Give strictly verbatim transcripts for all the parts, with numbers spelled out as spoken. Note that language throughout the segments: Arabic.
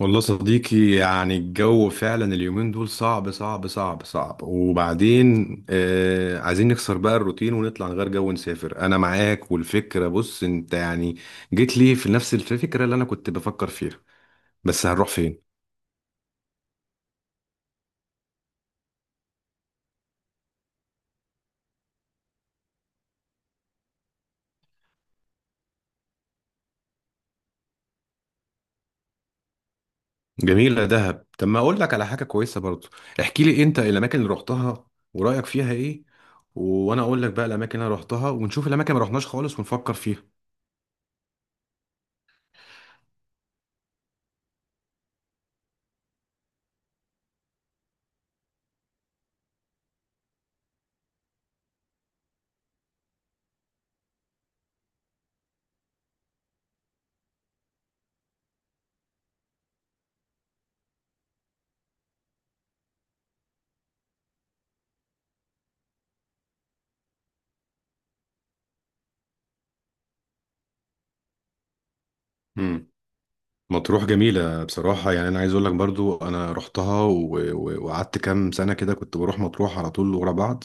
والله صديقي، يعني الجو فعلا اليومين دول صعب صعب صعب صعب. وبعدين آه عايزين نكسر بقى الروتين ونطلع نغير جو ونسافر، انا معاك. والفكرة بص انت يعني جيت لي في نفس الفكرة اللي انا كنت بفكر فيها. بس هنروح فين؟ جميلة دهب. طب ما اقول لك على حاجة كويسة برضو، احكي لي انت الاماكن اللي رحتها ورأيك فيها ايه، وانا اقول لك بقى الاماكن اللي أنا رحتها، ونشوف الاماكن اللي ما رحناش خالص ونفكر فيها. مطروح جميلة بصراحة، يعني أنا عايز أقول لك برضو أنا رحتها و- و- وقعدت كام سنة كده كنت بروح مطروح على طول ورا بعض.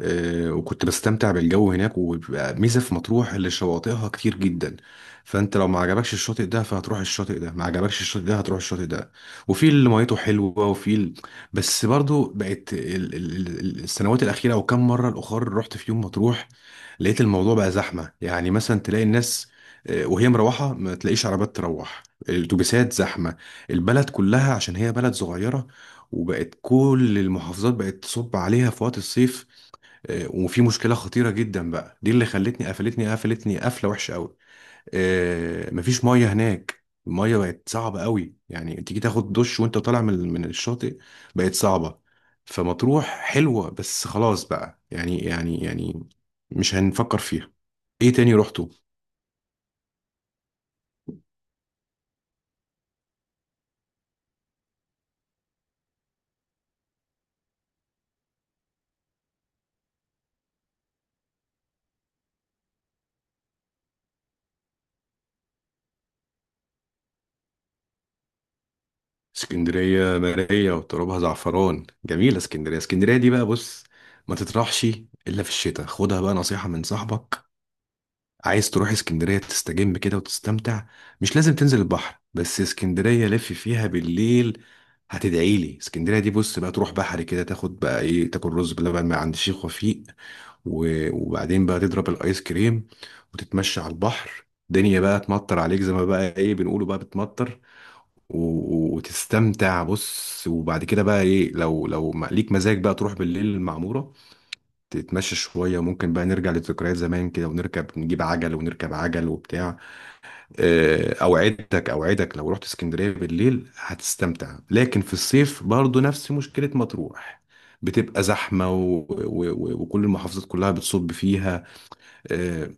آه، وكنت بستمتع بالجو هناك، وبيبقى ميزة في مطروح اللي شواطئها كتير جدا. فانت لو ما عجبكش الشاطئ ده فهتروح الشاطئ ده، ما عجبكش الشاطئ ده هتروح الشاطئ ده. وفي اللي ميته حلوة وفي ال... بس برضو بقت ال... ال... ال- السنوات الأخيرة، أو كم مرة الأخر رحت في يوم مطروح لقيت الموضوع بقى زحمة. يعني مثلا تلاقي الناس، آه، وهي مروحة ما تلاقيش عربات تروح، الأتوبيسات زحمة، البلد كلها عشان هي بلد صغيرة. وبقت كل المحافظات بقت تصب عليها في وقت الصيف. آه، وفي مشكله خطيره جدا بقى دي اللي خلتني قفلتني قفلتني قفله وحشه قوي. آه، مفيش ميه هناك، الميه بقت صعبه قوي. يعني تيجي تاخد دش وانت طالع من من الشاطئ، بقت صعبه. فمطروح حلوه بس خلاص بقى، يعني يعني يعني مش هنفكر فيها. ايه تاني رحته؟ اسكندريه مرايه وترابها زعفران، جميله اسكندريه اسكندريه دي بقى بص، ما تطرحش الا في الشتاء، خدها بقى نصيحه من صاحبك. عايز تروح اسكندرية تستجم كده وتستمتع، مش لازم تنزل البحر، بس اسكندرية لف فيها بالليل هتدعي لي. اسكندرية دي بص بقى تروح بحري كده، تاخد بقى ايه، تاكل رز بلبن من عند الشيخ وفيق، و- وبعدين بقى تضرب الايس كريم، وتتمشى على البحر. الدنيا بقى تمطر عليك زي ما بقى ايه بنقوله، بقى بتمطر. و- وتستمتع بص. وبعد كده بقى ايه، لو لو ما- ليك مزاج بقى تروح بالليل المعمورة، تتمشى شوية. ممكن بقى نرجع لذكريات زمان كده، ونركب نجيب عجل ونركب عجل وبتاع. آه، أوعدك أوعدك لو رحت اسكندرية بالليل هتستمتع، لكن في الصيف برضو نفس مشكلة مطروح، بتبقى زحمة و... و... و... وكل المحافظات كلها بتصب فيها. آه،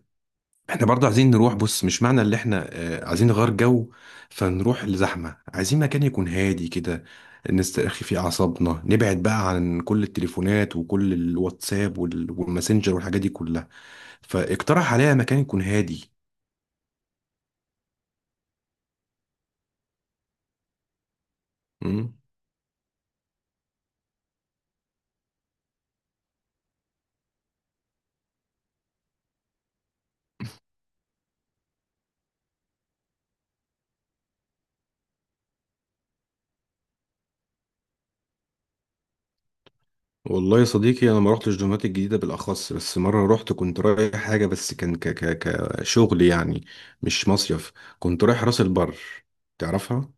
احنا برضه عايزين نروح بص، مش معنى اللي احنا آه، عايزين نغير جو فنروح لزحمة. عايزين مكان يكون هادي كده، نسترخي فيه أعصابنا، نبعد بقى عن كل التليفونات وكل الواتساب وال- والماسنجر والحاجات دي كلها. فاقترح عليا مكان يكون هادي. مم. والله يا صديقي انا ما رحتش دمياط الجديده بالاخص، بس مره رحت كنت رايح حاجه، بس كان ك ك كشغل يعني، مش مصيف. كنت رايح راس البر، تعرفها.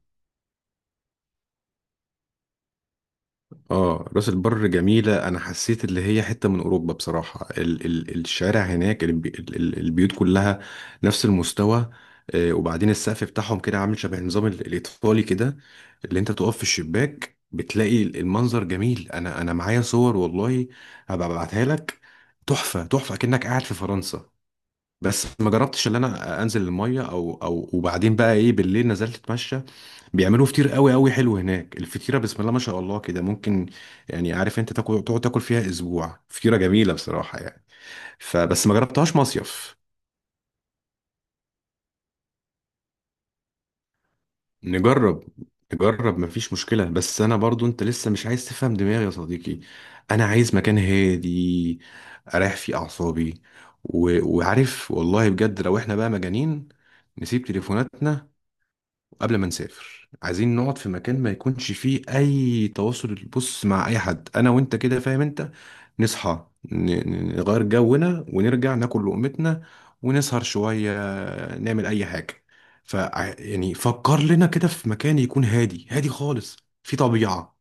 اه، راس البر جميلة. انا حسيت اللي هي حتة من اوروبا بصراحة. ال ال الشارع هناك، البي ال البيوت كلها نفس المستوى. آه، وبعدين السقف بتاعهم كده عامل شبه النظام ال- الايطالي كده، اللي انت تقف في الشباك بتلاقي المنظر جميل. انا انا معايا صور والله، هبقى ابعتها لك. تحفة تحفة كأنك قاعد في فرنسا. بس ما جربتش ان انا انزل المية، او او وبعدين بقى ايه بالليل نزلت اتمشى. بيعملوا فطير قوي قوي حلو هناك. الفطيره بسم الله ما شاء الله كده، ممكن يعني عارف انت تاكل تقعد تاكل فيها اسبوع، فطيره جميله بصراحه يعني. فبس ما جربتهاش مصيف. نجرب. نجرب، مفيش مشكله. بس انا برضو، انت لسه مش عايز تفهم دماغي يا صديقي. انا عايز مكان هادي اريح فيه اعصابي، و... وعارف والله بجد لو احنا بقى مجانين نسيب تليفوناتنا قبل ما نسافر. عايزين نقعد في مكان ما يكونش فيه اي تواصل بص مع اي حد، انا وانت كده فاهم انت، نصحى ن- ن- نغير جونا ونرجع ناكل لقمتنا، ونسهر شوية، نعمل اي حاجة. ف يعني فكر لنا كده في مكان يكون هادي هادي خالص، في طبيعة.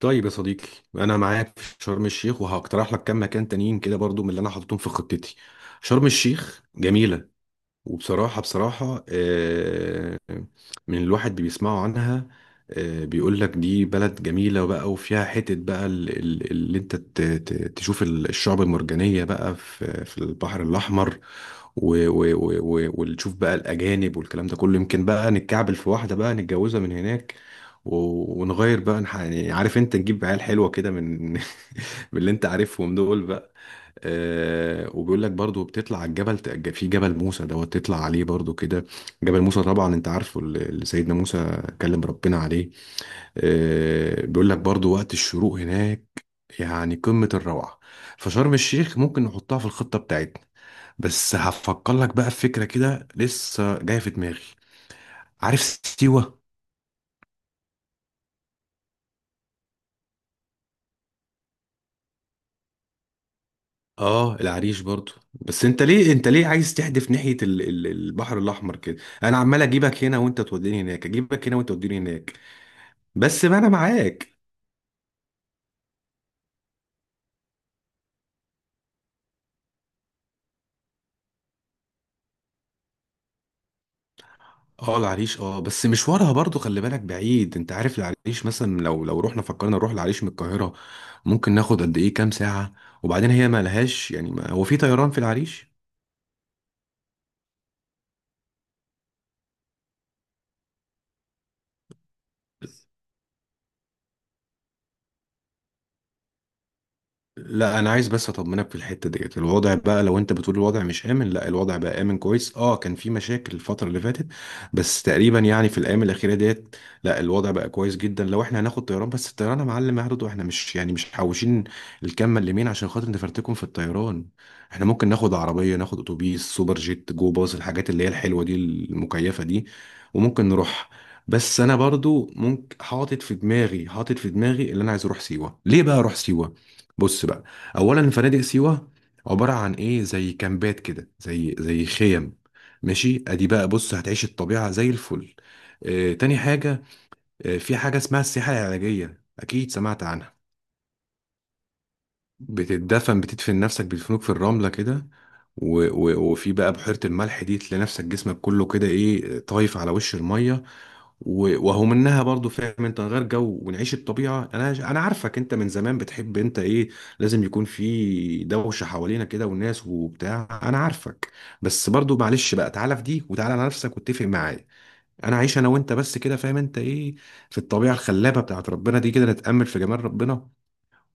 طيب يا صديقي، انا معاك في شرم الشيخ، وهقترح لك كام مكان تانيين كده برضو من اللي انا حاططهم في خطتي. شرم الشيخ جميلة، وبصراحة بصراحة آه، من الواحد بيسمعوا عنها. آه، بيقول لك دي بلد جميلة بقى، وفيها حتة بقى ال- ال- اللي انت ت- ت- تشوف ال- الشعب المرجانية بقى في في البحر الأحمر. و- و- و- و- وتشوف بقى الأجانب والكلام ده كله، يمكن بقى نتكعبل في واحدة بقى نتجوزها من هناك، و- ونغير بقى، نح- يعني عارف انت، نجيب عيال حلوة كده من من اللي انت عارفهم دول. آه وبيقول لك برضو بتطلع على الجبل، ت- في جبل موسى دوت تطلع عليه برضو كده. جبل موسى طبعا انت عارفه، اللي اللي سيدنا موسى كلم ربنا عليه. آه بيقول لك برضو وقت الشروق هناك يعني قمة الروعة. فشرم الشيخ ممكن نحطها في الخطة بتاعتنا. بس هفكر لك بقى في فكرة كده لسه جاية في دماغي. عارف سيوة؟ اه، العريش برضو. بس انت ليه انت ليه عايز تحدف ناحية ال- ال- البحر الاحمر كده؟ انا عمال اجيبك هنا وانت توديني هناك، اجيبك هنا وانت توديني هناك. بس ما انا معاك. اه العريش، اه بس مشوارها برضو خلي بالك بعيد. انت عارف العريش مثلا، لو لو رحنا فكرنا نروح العريش من القاهرة ممكن ناخد قد ايه كام ساعة؟ وبعدين هي ما لهاش، يعني ما هو في طيران في العريش؟ لا، انا عايز بس اطمنك في الحته ديت، الوضع بقى لو انت بتقول الوضع مش امن، لا الوضع بقى امن كويس. اه، كان في مشاكل الفتره اللي فاتت، بس تقريبا يعني في الايام الاخيره ديت لا الوضع بقى كويس جدا. لو احنا هناخد طيران، بس الطيران يا معلم هياخد، واحنا مش يعني مش محوشين الكام مليمين عشان خاطر نفرتكم في الطيران. احنا ممكن ناخد عربيه، ناخد اتوبيس سوبر جيت، جو باص، الحاجات اللي هي الحلوه دي المكيفه دي، وممكن نروح. بس انا برضو ممكن حاطط في دماغي حاطط في دماغي اللي انا عايز اروح سيوه. ليه بقى اروح سيوه؟ بص بقى، اولا فنادق سيوه عباره عن ايه، زي كامبات كده، زي زي خيم. ماشي، ادي بقى بص هتعيش الطبيعه زي الفل. آه تاني حاجه، آه في حاجه اسمها السياحه العلاجيه، اكيد سمعت عنها. بتتدفن بتدفن نفسك، بيدفنوك في الرملة كده. و... و... وفي بقى بحيرة الملح دي تلاقي نفسك جسمك كله كده ايه طايف على وش المية. و... وهو منها برضو، فاهم انت، نغير جو ونعيش الطبيعة. انا انا عارفك انت من زمان بتحب انت ايه، لازم يكون في دوشة حوالينا كده والناس وبتاع، انا عارفك. بس برضو معلش بقى تعالى في دي، وتعالى على نفسك واتفق معايا. انا عايش انا وانت بس كده فاهم انت ايه، في الطبيعة الخلابة بتاعت ربنا دي كده، نتأمل في جمال ربنا.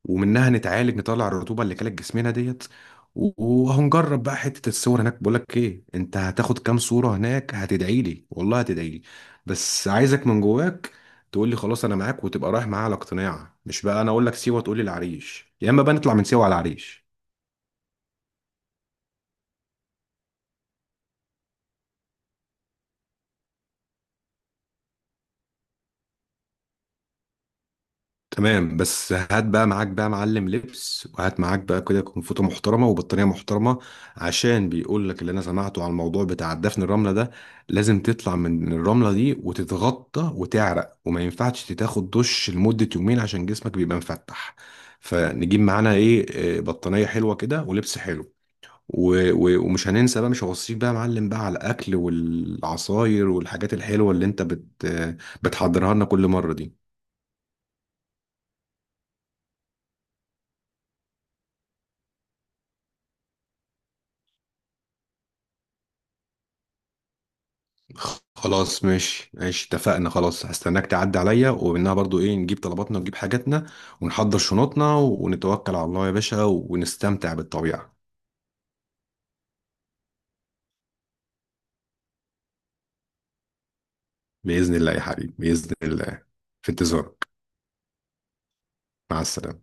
ومنها نتعالج، نطلع الرطوبه اللي كانت جسمنا ديت. وهنجرب بقى حته الصور هناك. بقول لك ايه، انت هتاخد كام صوره هناك هتدعي لي والله، هتدعي لي. بس عايزك من جواك تقول لي خلاص انا معاك، وتبقى رايح معايا على اقتناع، مش بقى انا اقول لك سيوه تقول لي العريش، يا اما بقى نطلع من سيوه على العريش. تمام، بس هات بقى معاك بقى معلم لبس، وهات معاك بقى كده كنفوطة محترمة وبطانية محترمة. عشان بيقول لك اللي انا سمعته على الموضوع بتاع دفن الرملة ده، لازم تطلع من الرملة دي وتتغطى وتعرق، وما ينفعش تاخد دش لمدة يومين عشان جسمك بيبقى مفتح. فنجيب معانا ايه، آه، بطانية حلوة كده ولبس حلو، و- و- ومش هننسى بقى، مش هوصيك بقى يا معلم بقى على الاكل والعصاير والحاجات الحلوة اللي انت بت آه، بتحضرها لنا كل مرة دي. خلاص ماشي ماشي اتفقنا. خلاص هستناك تعدي عليا ومنها برضو ايه، نجيب طلباتنا ونجيب حاجاتنا، ونحضر شنطنا ونتوكل على الله يا باشا ونستمتع بالطبيعة. بإذن الله يا حبيبي، بإذن الله. في انتظارك. مع السلامة.